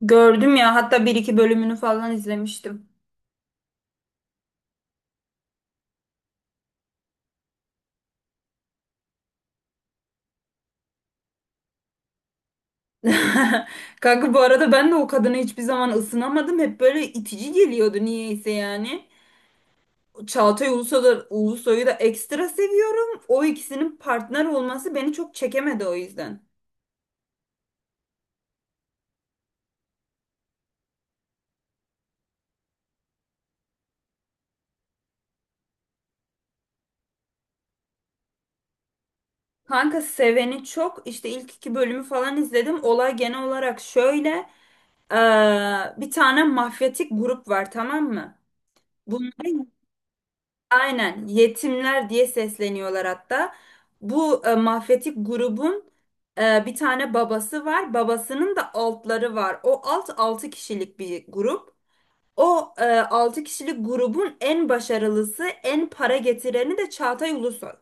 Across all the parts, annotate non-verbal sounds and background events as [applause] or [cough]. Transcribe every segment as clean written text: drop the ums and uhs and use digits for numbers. Gördüm ya, hatta bir iki bölümünü falan izlemiştim. [laughs] Kanka, bu arada ben de o kadına hiçbir zaman ısınamadım. Hep böyle itici geliyordu niyeyse yani. Çağatay Ulusoy'u, Ulusoy'u da ekstra seviyorum. O ikisinin partner olması beni çok çekemedi o yüzden. Kanka seveni çok. İşte ilk iki bölümü falan izledim. Olay genel olarak şöyle. Bir tane mafyatik grup var, tamam mı? Bunların, aynen, yetimler diye sesleniyorlar hatta. Bu mafyatik grubun bir tane babası var. Babasının da altları var. O alt 6 kişilik bir grup. O 6 kişilik grubun en başarılısı, en para getireni de Çağatay Ulusoy.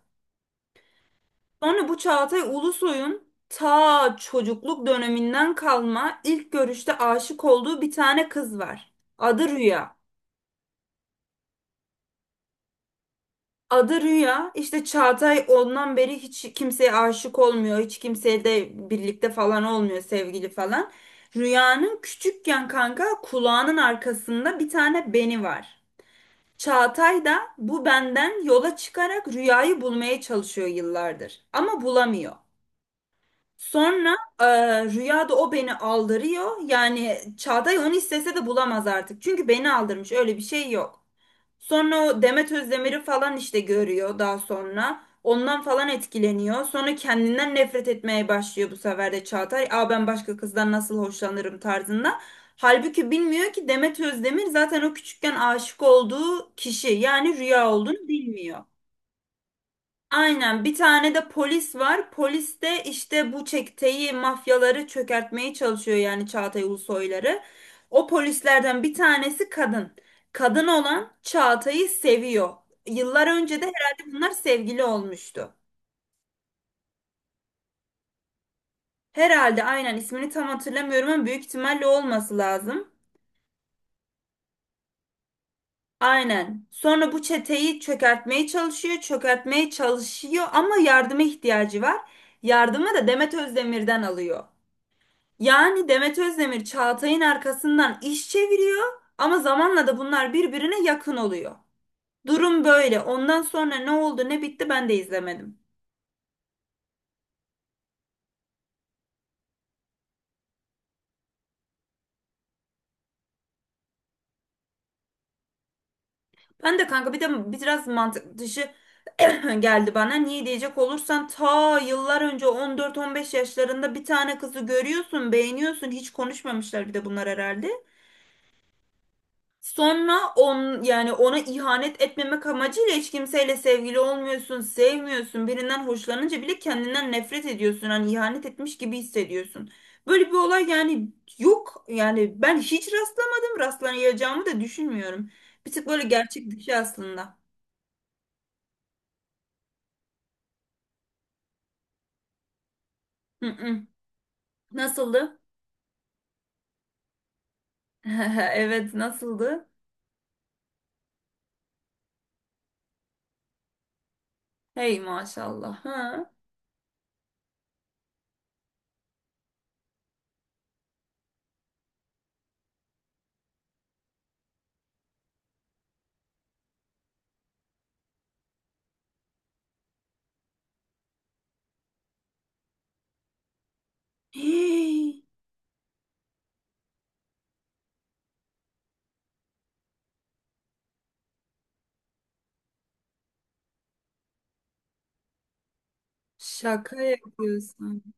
Sonra bu Çağatay Ulusoy'un ta çocukluk döneminden kalma ilk görüşte aşık olduğu bir tane kız var. Adı Rüya. Adı Rüya. İşte Çağatay ondan beri hiç kimseye aşık olmuyor. Hiç kimseye de birlikte falan olmuyor, sevgili falan. Rüya'nın küçükken, kanka, kulağının arkasında bir tane beni var. Çağatay da bu benden yola çıkarak Rüya'yı bulmaya çalışıyor yıllardır. Ama bulamıyor. Sonra Rüya da o beni aldırıyor. Yani Çağatay onu istese de bulamaz artık. Çünkü beni aldırmış, öyle bir şey yok. Sonra o Demet Özdemir'i falan işte görüyor daha sonra. Ondan falan etkileniyor. Sonra kendinden nefret etmeye başlıyor bu sefer de Çağatay. Aa, ben başka kızdan nasıl hoşlanırım tarzında. Halbuki bilmiyor ki Demet Özdemir zaten o küçükken aşık olduğu kişi, yani Rüya olduğunu bilmiyor. Aynen, bir tane de polis var. Polis de işte bu çeteyi, mafyaları çökertmeye çalışıyor, yani Çağatay Ulusoyları. O polislerden bir tanesi kadın. Kadın olan Çağatay'ı seviyor. Yıllar önce de herhalde bunlar sevgili olmuştu. Herhalde, aynen, ismini tam hatırlamıyorum ama büyük ihtimalle o olması lazım. Aynen. Sonra bu çeteyi çökertmeye çalışıyor, çökertmeye çalışıyor ama yardıma ihtiyacı var. Yardımı da Demet Özdemir'den alıyor. Yani Demet Özdemir Çağatay'ın arkasından iş çeviriyor ama zamanla da bunlar birbirine yakın oluyor. Durum böyle. Ondan sonra ne oldu ne bitti ben de izlemedim. Ben de, kanka, bir de biraz mantık dışı [clears throat] geldi bana. Niye diyecek olursan, ta yıllar önce 14-15 yaşlarında bir tane kızı görüyorsun, beğeniyorsun. Hiç konuşmamışlar bir de bunlar herhalde. Sonra on, yani ona ihanet etmemek amacıyla hiç kimseyle sevgili olmuyorsun, sevmiyorsun. Birinden hoşlanınca bile kendinden nefret ediyorsun. Hani ihanet etmiş gibi hissediyorsun. Böyle bir olay yani yok. Yani ben hiç rastlamadım. Rastlayacağımı da düşünmüyorum. Bir tık böyle gerçek dışı aslında. Hı hı. Nasıldı? [laughs] Evet, nasıldı? Hey maşallah. Ha. [gasps] Hey, şaka yapıyorsun.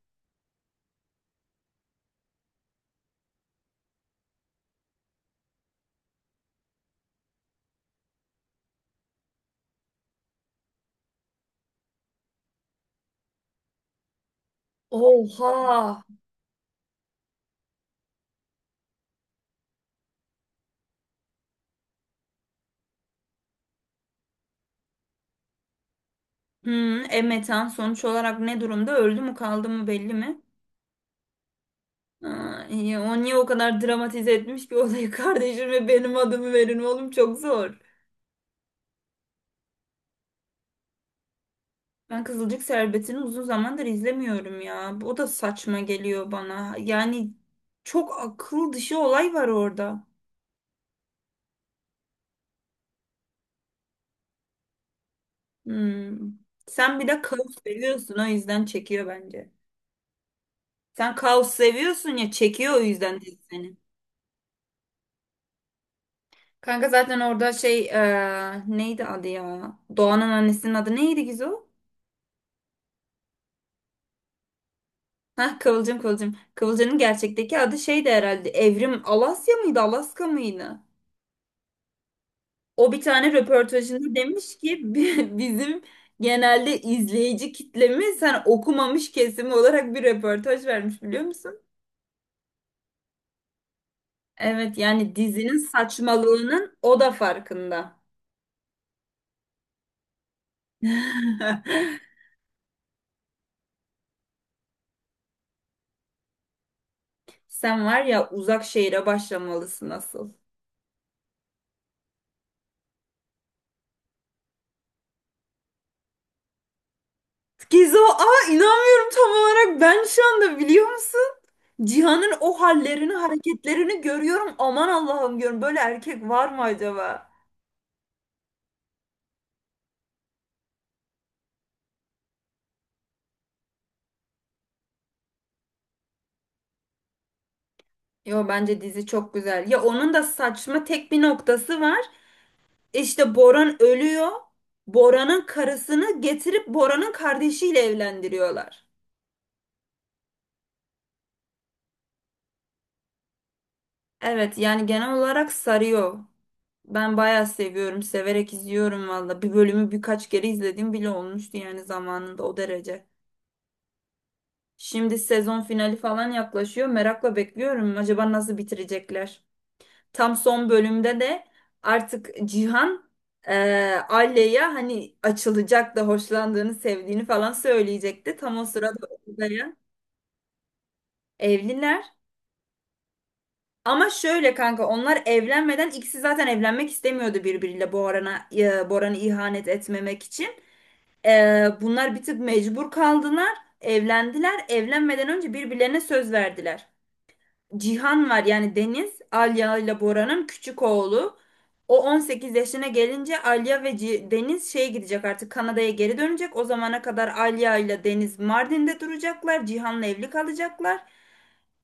Oha. Hmm, metan sonuç olarak ne durumda? Öldü mü, kaldı mı, belli mi? Aa, iyi. O niye o kadar dramatize etmiş ki olayı? [laughs] Kardeşim ve benim adımı verin, oğlum çok zor. Ben Kızılcık Şerbeti'ni uzun zamandır izlemiyorum ya. O da saçma geliyor bana. Yani çok akıl dışı olay var orada. Hmm. Sen bir de kaos seviyorsun, o yüzden çekiyor bence. Sen kaos seviyorsun ya, çekiyor o yüzden dizi seni. Kanka zaten orada şey, neydi adı ya? Doğan'ın annesinin adı neydi, Gizo? Hah, Kıvılcım, Kıvılcım. Kıvılcım'ın gerçekteki adı şeydi herhalde. Evrim Alasya mıydı, Alaska mıydı? O bir tane röportajında demiş ki [laughs] bizim genelde izleyici kitlemiz sen okumamış kesimi" olarak bir röportaj vermiş, biliyor musun? Evet, yani dizinin saçmalığının o da farkında. [laughs] Sen var ya, Uzak Şehir'e başlamalısın asıl. Gizo, aa, inanmıyorum tam olarak ben şu anda, biliyor musun? Cihan'ın o hallerini, hareketlerini görüyorum. Aman Allah'ım diyorum. Böyle erkek var mı acaba? Yo, bence dizi çok güzel. Ya, onun da saçma tek bir noktası var. İşte Boran ölüyor. Boran'ın karısını getirip Boran'ın kardeşiyle evlendiriyorlar. Evet, yani genel olarak sarıyor. Ben bayağı seviyorum, severek izliyorum valla. Bir bölümü birkaç kere izlediğim bile olmuştu yani, zamanında o derece. Şimdi sezon finali falan yaklaşıyor. Merakla bekliyorum. Acaba nasıl bitirecekler? Tam son bölümde de artık Cihan Alya'ya hani açılacak da hoşlandığını, sevdiğini falan söyleyecekti. Tam o sırada Olga'ya evliler. Ama şöyle kanka, onlar evlenmeden ikisi zaten evlenmek istemiyordu birbiriyle, Boran'a Boran'ı ihanet etmemek için. Bunlar bir tık mecbur kaldılar. Evlendiler. Evlenmeden önce birbirlerine söz verdiler. Cihan var, yani Deniz, Alya ile Bora'nın küçük oğlu. O 18 yaşına gelince Alya ve Deniz şeye gidecek, artık Kanada'ya geri dönecek. O zamana kadar Alya ile Deniz Mardin'de duracaklar. Cihan'la evli kalacaklar.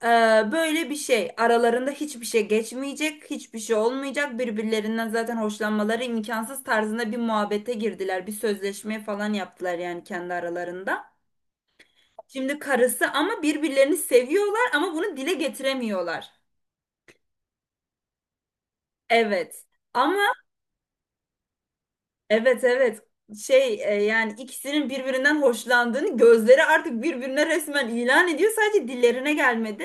Ee, Böyle bir şey. Aralarında hiçbir şey geçmeyecek, hiçbir şey olmayacak. Birbirlerinden zaten hoşlanmaları imkansız tarzında bir muhabbete girdiler. Bir sözleşme falan yaptılar yani kendi aralarında. Şimdi karısı ama birbirlerini seviyorlar ama bunu dile getiremiyorlar. Evet. Ama evet, evet, şey, yani ikisinin birbirinden hoşlandığını gözleri artık birbirine resmen ilan ediyor. Sadece dillerine gelmedi.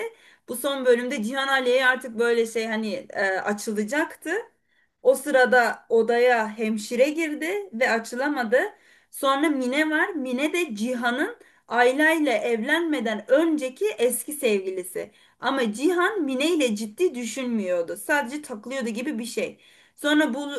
Bu son bölümde Cihan Aliye'ye artık böyle şey hani, açılacaktı. O sırada odaya hemşire girdi ve açılamadı. Sonra Mine var. Mine de Cihan'ın Ayla ile evlenmeden önceki eski sevgilisi. Ama Cihan Mine ile ciddi düşünmüyordu. Sadece takılıyordu gibi bir şey. Sonra bu,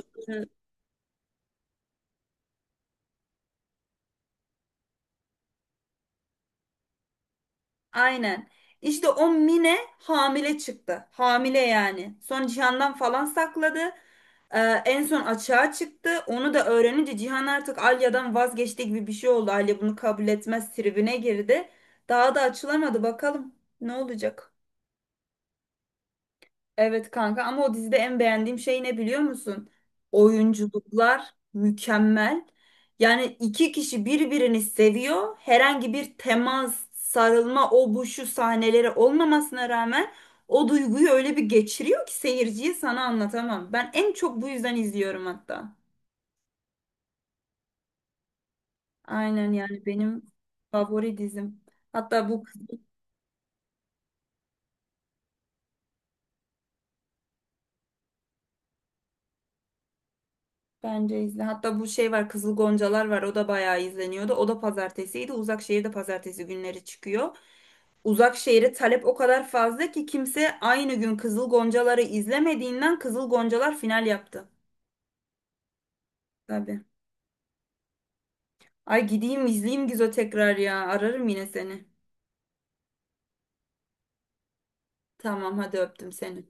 aynen. İşte o Mine hamile çıktı. Hamile yani. Sonra Cihan'dan falan sakladı. Ee, En son açığa çıktı. Onu da öğrenince Cihan artık Alya'dan vazgeçti gibi bir şey oldu. Alya bunu kabul etmez tribine girdi. Daha da açılamadı. Bakalım ne olacak? Evet kanka, ama o dizide en beğendiğim şey ne, biliyor musun? Oyunculuklar mükemmel. Yani iki kişi birbirini seviyor. Herhangi bir temas, sarılma, o bu şu sahneleri olmamasına rağmen o duyguyu öyle bir geçiriyor ki seyirciye, sana anlatamam. Ben en çok bu yüzden izliyorum hatta. Aynen yani, benim favori dizim. Hatta bu, bence izle. Hatta bu şey var, Kızıl Goncalar var, o da bayağı izleniyordu. O da pazartesiydi. Uzak Şehir'de pazartesi günleri çıkıyor. Uzak Şehir'e talep o kadar fazla ki kimse aynı gün Kızıl Goncaları izlemediğinden Kızıl Goncalar final yaptı. Tabii. Ay, gideyim izleyeyim Gizo, tekrar ya. Ararım yine seni. Tamam, hadi öptüm seni.